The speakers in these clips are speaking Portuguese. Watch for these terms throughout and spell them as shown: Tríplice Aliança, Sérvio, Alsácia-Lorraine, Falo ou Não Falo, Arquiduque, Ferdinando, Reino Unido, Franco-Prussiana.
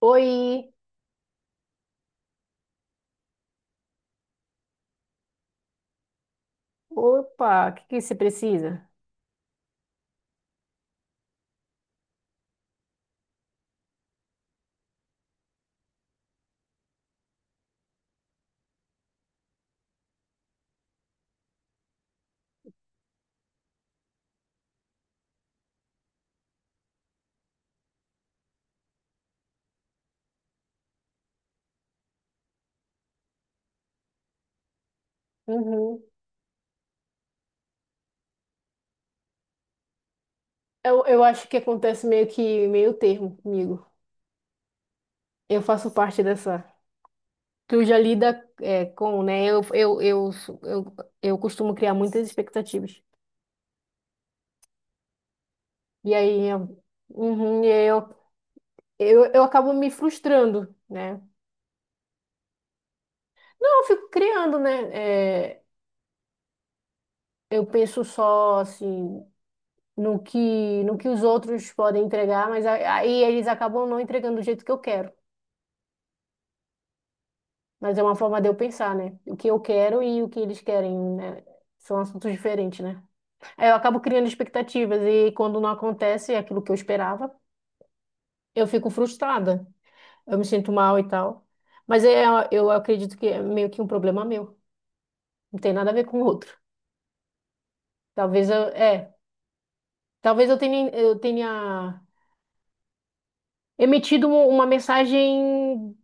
Oi, opa, o que que você precisa? Uhum. Eu acho que acontece meio que meio termo comigo. Eu faço parte dessa. Tu já lida com, né? Eu costumo criar muitas expectativas. E aí, uhum, e aí eu acabo me frustrando, né? Não, eu fico criando, né? Eu penso só, assim, no que os outros podem entregar, mas aí eles acabam não entregando do jeito que eu quero. Mas é uma forma de eu pensar, né? O que eu quero e o que eles querem, né? São assuntos diferentes, né? Aí eu acabo criando expectativas e quando não acontece aquilo que eu esperava, eu fico frustrada. Eu me sinto mal e tal. Mas é, eu acredito que é meio que um problema meu. Não tem nada a ver com o outro. Talvez eu, é, talvez eu tenha emitido uma mensagem,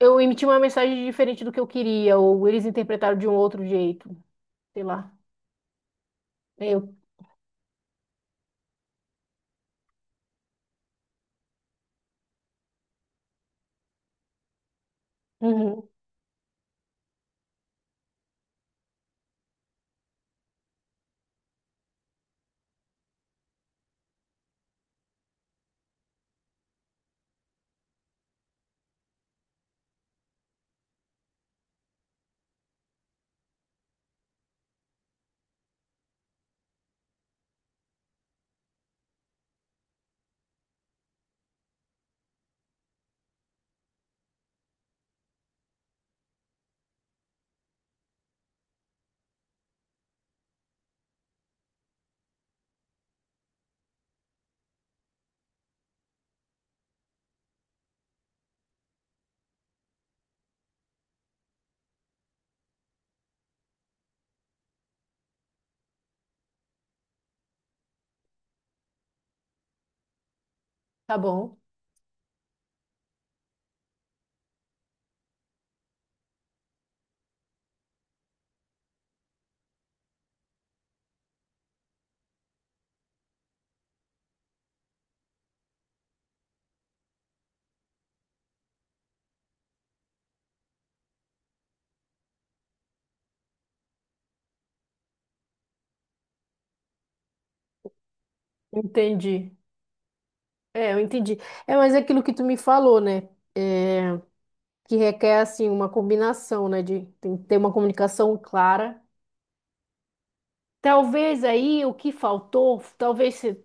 eu emiti uma mensagem diferente do que eu queria, ou eles interpretaram de um outro jeito, sei lá. Eu, uhum, tá bom. Entendi. É, eu entendi. É, mas é aquilo que tu me falou, né? É, que requer, assim, uma combinação, né? De tem que ter uma comunicação clara. Talvez aí o que faltou, talvez, se-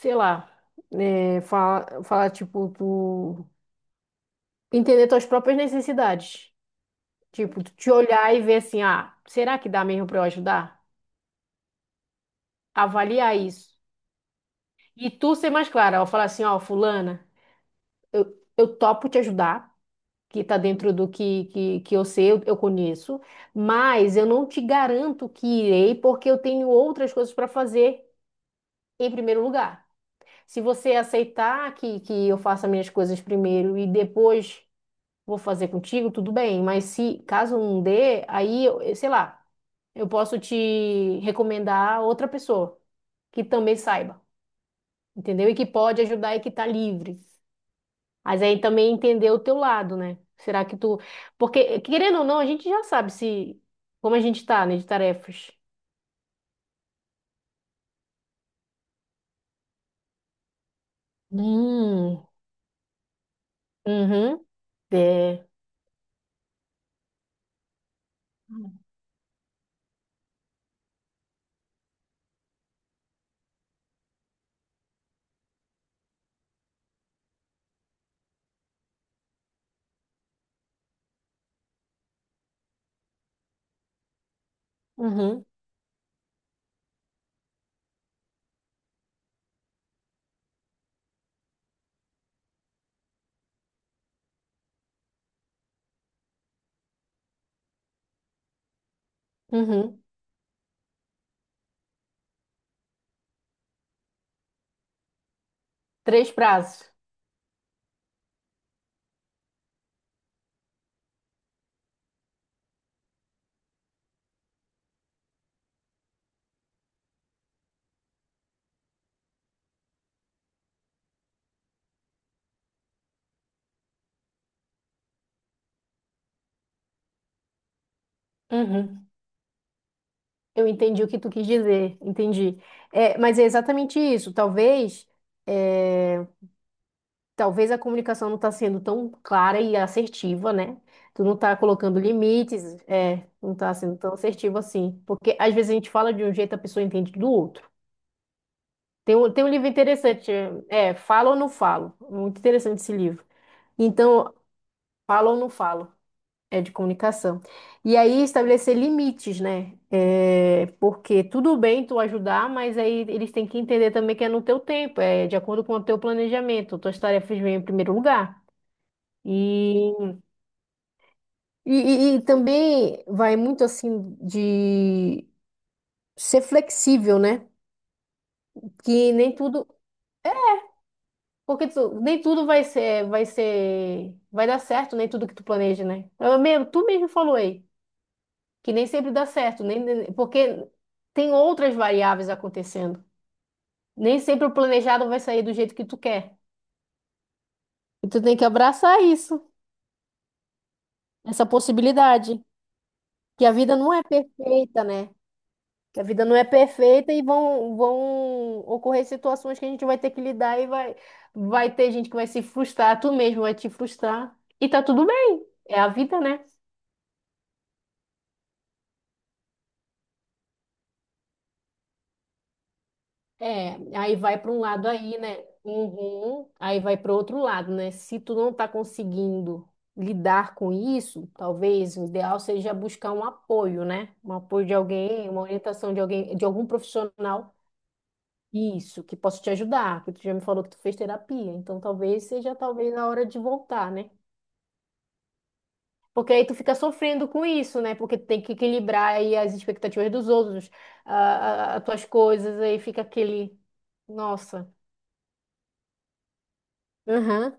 sei lá, falar, tipo, tu entender tuas próprias necessidades. Tipo, tu te olhar e ver assim, ah, será que dá mesmo pra eu ajudar? Avaliar isso. E tu ser mais clara, ó, falar assim, ó, fulana, eu, eu topo te ajudar, que está dentro do que que eu sei, eu conheço, mas eu não te garanto que irei, porque eu tenho outras coisas para fazer em primeiro lugar. Se você aceitar que eu faça minhas coisas primeiro e depois vou fazer contigo, tudo bem, mas se caso não dê, eu sei lá, eu posso te recomendar outra pessoa que também saiba, entendeu? E que pode ajudar e que está livre. Mas aí também entender o teu lado, né? Será que tu. Porque, querendo ou não, a gente já sabe se como a gente tá, né, de tarefas. Hum, uhum, é, uhum, uhum. Três prazos. Uhum. Eu entendi o que tu quis dizer, entendi. É, mas é exatamente isso. É, talvez a comunicação não está sendo tão clara e assertiva, né? Tu não está colocando limites, não está sendo tão assertivo assim. Porque às vezes a gente fala de um jeito, a pessoa entende do outro. Tem um livro interessante, é Falo ou Não Falo, muito interessante esse livro. Então, Falo ou Não Falo, é de comunicação. E aí estabelecer limites, né? É, porque tudo bem tu ajudar, mas aí eles têm que entender também que é no teu tempo, é de acordo com o teu planejamento, tuas tarefas vêm em primeiro lugar. E, e, e também vai muito assim de ser flexível, né? Que nem tudo. Porque nem tudo vai ser, vai dar certo, nem tudo que tu planeja, né? Eu mesmo, tu mesmo falou aí, que nem sempre dá certo, porque tem outras variáveis acontecendo. Nem sempre o planejado vai sair do jeito que tu quer. E tu tem que abraçar isso, essa possibilidade, que a vida não é perfeita, né? Que a vida não é perfeita e vão ocorrer situações que a gente vai ter que lidar e vai ter gente que vai se frustrar, tu mesmo vai te frustrar. E tá tudo bem, é a vida, né? É, aí vai para um lado aí, né? Uhum. Aí vai para outro lado, né? Se tu não tá conseguindo lidar com isso, talvez o ideal seja buscar um apoio, né? Um apoio de alguém, uma orientação de alguém, de algum profissional. Isso, que possa te ajudar, porque tu já me falou que tu fez terapia, então talvez a hora de voltar, né? Porque aí tu fica sofrendo com isso, né? Porque tu tem que equilibrar aí as expectativas dos outros, as tuas coisas, aí fica aquele, nossa. Aham.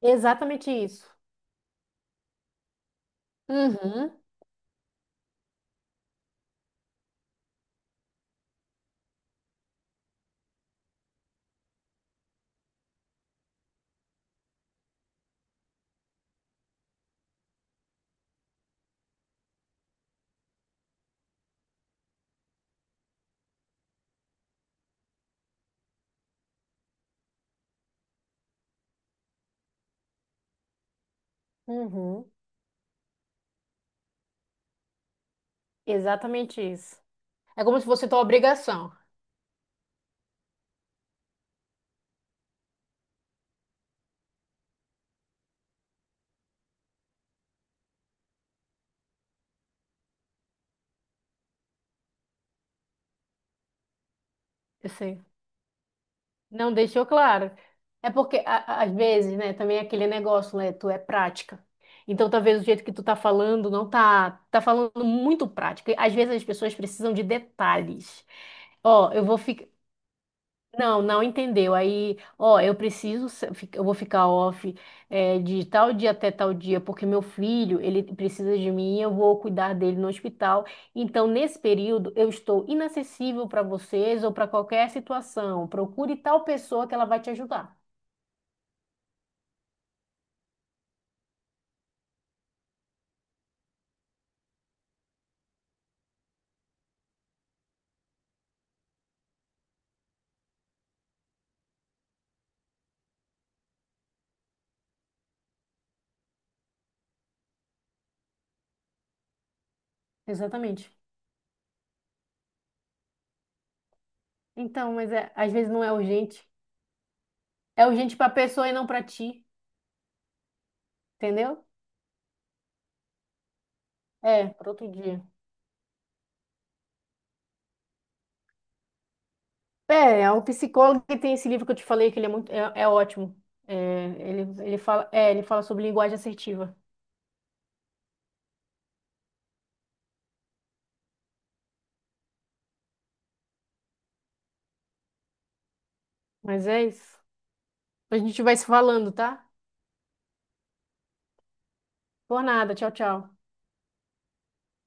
Exatamente isso. Uhum, uhum, exatamente isso. É como se fosse tua obrigação. Assim, não deixou claro. É porque, às vezes, né, também é aquele negócio, né, tu é prática. Então, talvez o jeito que tu tá falando não tá, tá falando muito prático. E, às vezes as pessoas precisam de detalhes. Ó, eu vou. Não, não entendeu. Aí, ó, eu preciso, se- fi- eu vou ficar off, de tal dia até tal dia, porque meu filho, ele precisa de mim, eu vou cuidar dele no hospital. Então, nesse período, eu estou inacessível para vocês ou para qualquer situação. Procure tal pessoa que ela vai te ajudar. Exatamente. Então, mas é, às vezes não é urgente. É urgente para a pessoa e não para ti, entendeu? É, para outro dia. É é o psicólogo que tem esse livro que eu te falei, que ele é é ótimo. É, ele fala, ele fala sobre linguagem assertiva. Mas é isso. A gente vai se falando, tá? Por nada. Tchau, tchau.